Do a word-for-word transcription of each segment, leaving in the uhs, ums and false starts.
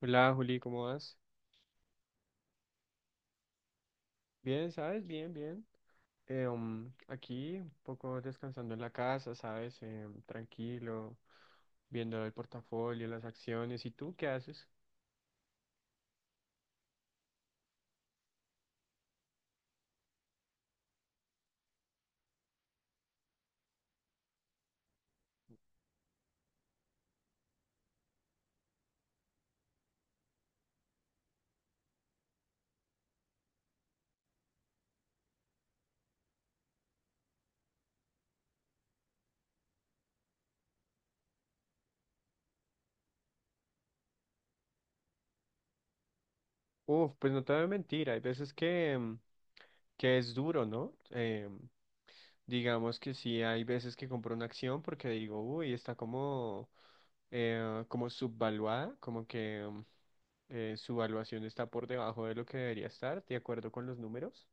Hola Juli, ¿cómo vas? Bien, ¿sabes? Bien, bien. Eh, um, aquí un poco descansando en la casa, ¿sabes? Eh, tranquilo, viendo el portafolio, las acciones. ¿Y tú qué haces? Uf, pues no te voy a mentir, hay veces que, mm, que es duro, ¿no? Eh, digamos que sí, hay veces que compro una acción porque digo, uy, está como, eh, como subvaluada, como que mm, eh, su valuación está por debajo de lo que debería estar, de acuerdo con los números.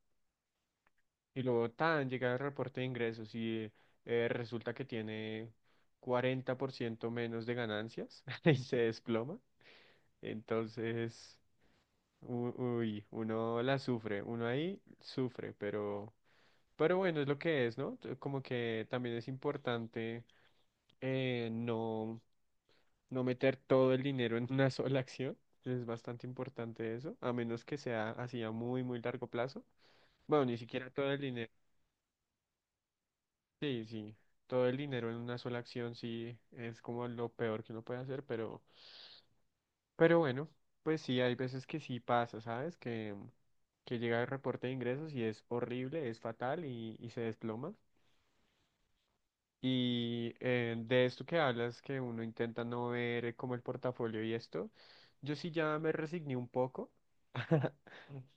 Y luego tan llega el reporte de ingresos y eh, resulta que tiene cuarenta por ciento menos de ganancias y se desploma. Entonces, u- uy, uno la sufre, uno ahí sufre, pero, pero, bueno, es lo que es, ¿no? T- Como que también es importante eh, no, no meter todo el dinero en una sola acción. Es bastante importante eso, a menos que sea así a muy, muy largo plazo. Bueno, ni siquiera todo el dinero. Sí, sí, todo el dinero en una sola acción sí es como lo peor que uno puede hacer, pero, pero bueno, pues sí, hay veces que sí pasa, ¿sabes? Que, que llega el reporte de ingresos y es horrible, es fatal y, y se desploma. Y eh, de esto que hablas, que uno intenta no ver eh, como el portafolio y esto, yo sí ya me resigné un poco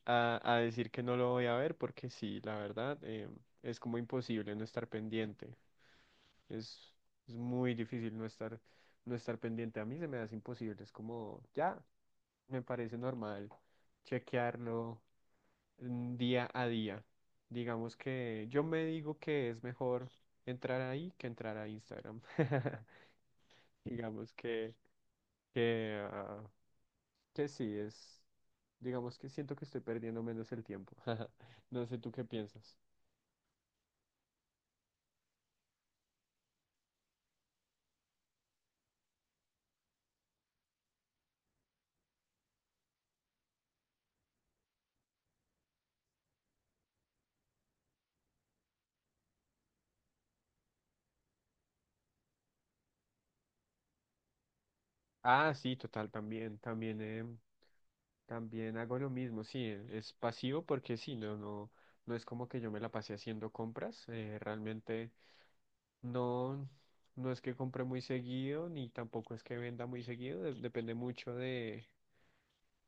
a, a decir que no lo voy a ver porque sí, la verdad, eh, es como imposible no estar pendiente. Es, es muy difícil no estar, no estar pendiente. A mí se me hace imposible. Es como, ya, me parece normal chequearlo mm, día a día. Digamos que yo me digo que es mejor entrar ahí que entrar a Instagram. Digamos que, que, ah, que sí, es, digamos que siento que estoy perdiendo menos el tiempo. No sé tú qué piensas. Ah, sí, total, también, también. em, También hago lo mismo, sí, es pasivo porque sí, no, no, no es como que yo me la pasé haciendo compras, eh, realmente no, no es que compre muy seguido, ni tampoco es que venda muy seguido, de- depende mucho de,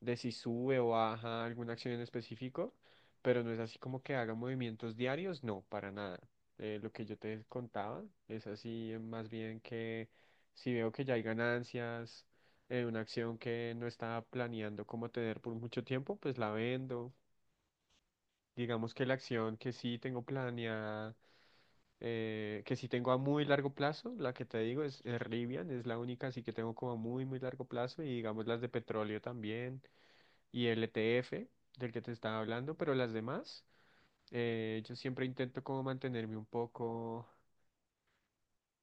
de si sube o baja alguna acción en específico, pero no es así como que haga movimientos diarios, no, para nada. Eh, lo que yo te contaba es así eh, más bien que si veo que ya hay ganancias en una acción que no estaba planeando como tener por mucho tiempo, pues la vendo. Digamos que la acción que sí tengo planeada, eh, que sí tengo a muy largo plazo, la que te digo es, es Rivian, es la única así que tengo como a muy, muy largo plazo y digamos las de petróleo también y el E T F del que te estaba hablando, pero las demás, eh, yo siempre intento como mantenerme un poco,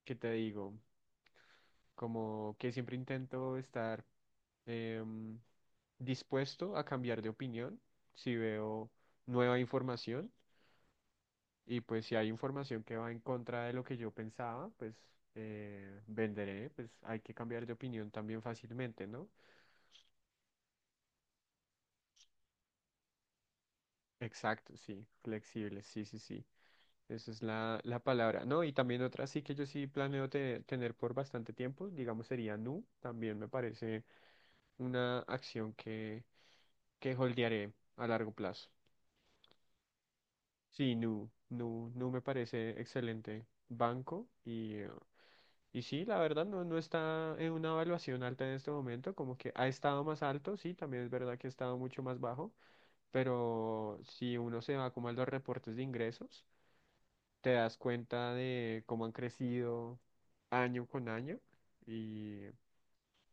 ¿qué te digo? Como que siempre intento estar em, dispuesto a cambiar de opinión si veo nueva información y pues si hay información que va en contra de lo que yo pensaba, pues eh, venderé, pues hay que cambiar de opinión también fácilmente, ¿no? Exacto, sí, flexible, sí, sí, sí. Esa es la, la palabra, ¿no? Y también otra sí que yo sí planeo te- tener por bastante tiempo, digamos sería Nu, también me parece una acción que, que holdearé a largo plazo. Sí, Nu, Nu, Nu me parece excelente banco y, eh, y sí, la verdad no, no está en una evaluación alta en este momento, como que ha estado más alto, sí, también es verdad que ha estado mucho más bajo, pero si uno se va como a los reportes de ingresos, te das cuenta de cómo han crecido año con año y,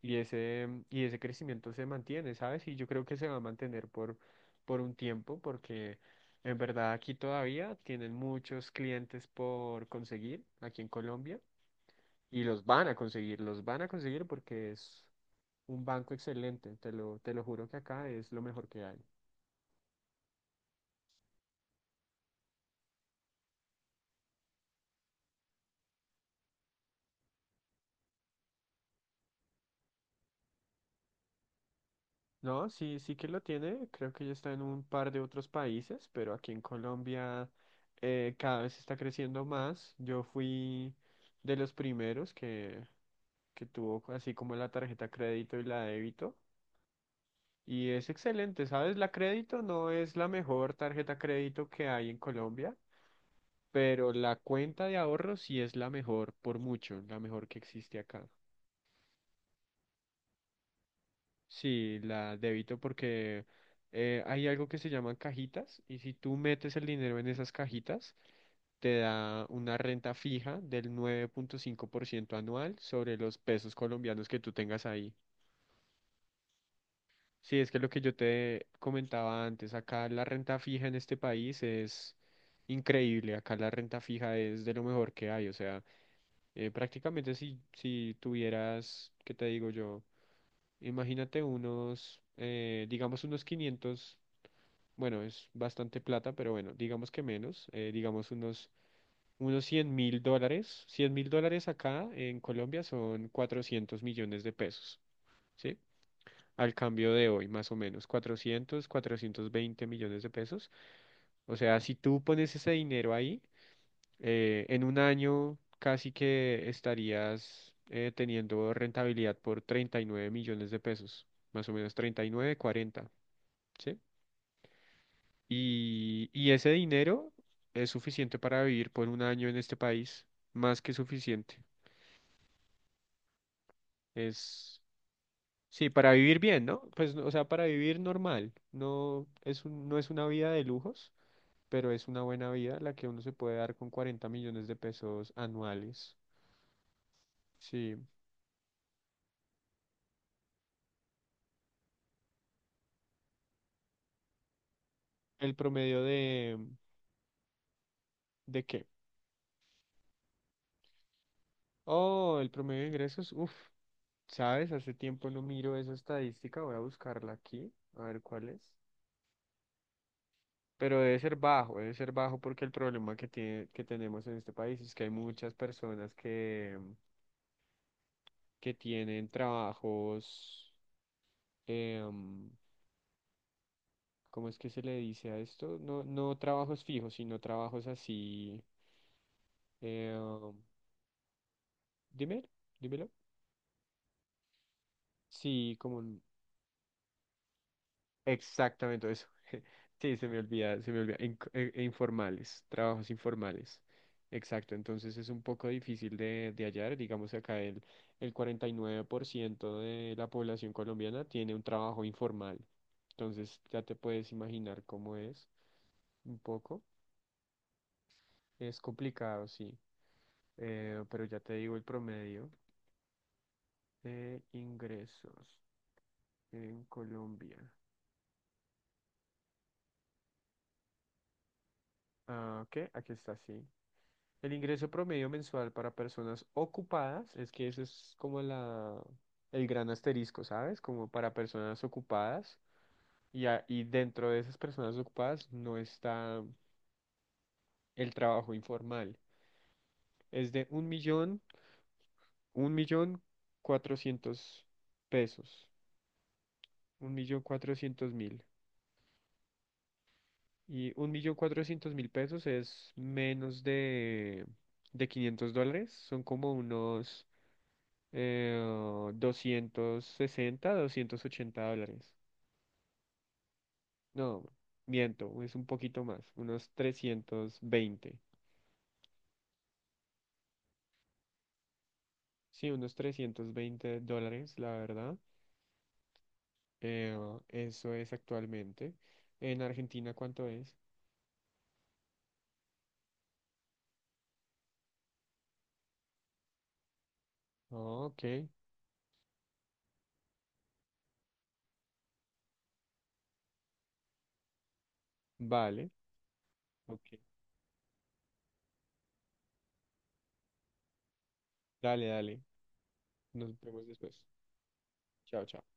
y ese, y ese crecimiento se mantiene, ¿sabes? Y yo creo que se va a mantener por, por, un tiempo porque en verdad aquí todavía tienen muchos clientes por conseguir, aquí en Colombia, y los van a conseguir, los van a conseguir porque es un banco excelente, te lo, te lo juro que acá es lo mejor que hay. No, sí, sí que lo tiene. Creo que ya está en un par de otros países, pero aquí en Colombia eh, cada vez está creciendo más. Yo fui de los primeros que, que tuvo así como la tarjeta crédito y la débito. Y es excelente, ¿sabes? La crédito no es la mejor tarjeta crédito que hay en Colombia, pero la cuenta de ahorro sí es la mejor por mucho, la mejor que existe acá. Sí, la débito porque eh, hay algo que se llaman cajitas y si tú metes el dinero en esas cajitas, te da una renta fija del nueve punto cinco por ciento anual sobre los pesos colombianos que tú tengas ahí. Sí, es que lo que yo te comentaba antes, acá la renta fija en este país es increíble, acá la renta fija es de lo mejor que hay, o sea, eh, prácticamente si, si tuvieras, ¿qué te digo yo? Imagínate unos, eh, digamos unos quinientos. Bueno, es bastante plata, pero bueno, digamos que menos, eh, digamos unos, unos cien mil dólares. Cien mil dólares acá en Colombia son cuatrocientos millones de pesos, ¿sí? Al cambio de hoy, más o menos, cuatrocientos cuatrocientos veinte millones de pesos. O sea, si tú pones ese dinero ahí, eh, en un año casi que estarías eh, teniendo rentabilidad por treinta y nueve millones de pesos, más o menos treinta y nueve cuarenta, ¿sí? Y, y ese dinero es suficiente para vivir por un año en este país, más que suficiente. Es, sí, para vivir bien, ¿no? Pues, o sea, para vivir normal. No es un- no es una vida de lujos, pero es una buena vida la que uno se puede dar con cuarenta millones de pesos anuales. Sí. El promedio de, ¿de qué? Oh, el promedio de ingresos. Uf, ¿sabes? Hace tiempo no miro esa estadística. Voy a buscarla aquí, a ver cuál es. Pero debe ser bajo, debe ser bajo porque el problema que tiene, que tenemos en este país es que hay muchas personas que, que tienen trabajos, em, ¿cómo es que se le dice a esto? No, no trabajos fijos, sino trabajos así. em, dime, dímelo. Sí, como, exactamente eso. Sí, se me olvida, se me olvida. In- eh, e informales, trabajos informales. Exacto, entonces es un poco difícil de, de hallar. Digamos acá el, el cuarenta y nueve por ciento de la población colombiana tiene un trabajo informal. Entonces ya te puedes imaginar cómo es un poco. Es complicado, sí. Eh, pero ya te digo el promedio de ingresos en Colombia. Ah, ok, aquí está, sí. El ingreso promedio mensual para personas ocupadas, es que eso es como la, el gran asterisco, ¿sabes? Como para personas ocupadas y, a- y dentro de esas personas ocupadas no está el trabajo informal. Es de un millón, un millón cuatrocientos pesos, un millón cuatrocientos mil. Y un millón cuatrocientos mil pesos es menos de, de quinientos dólares, son como unos eh, doscientos sesenta, doscientos ochenta dólares. No, miento, es un poquito más, unos trescientos veinte. Sí, unos trescientos veinte dólares, la verdad. Eh, eso es actualmente. En Argentina, ¿cuánto es? Ah, ok, vale. Ok, dale, dale. Nos vemos después. Chao, chao.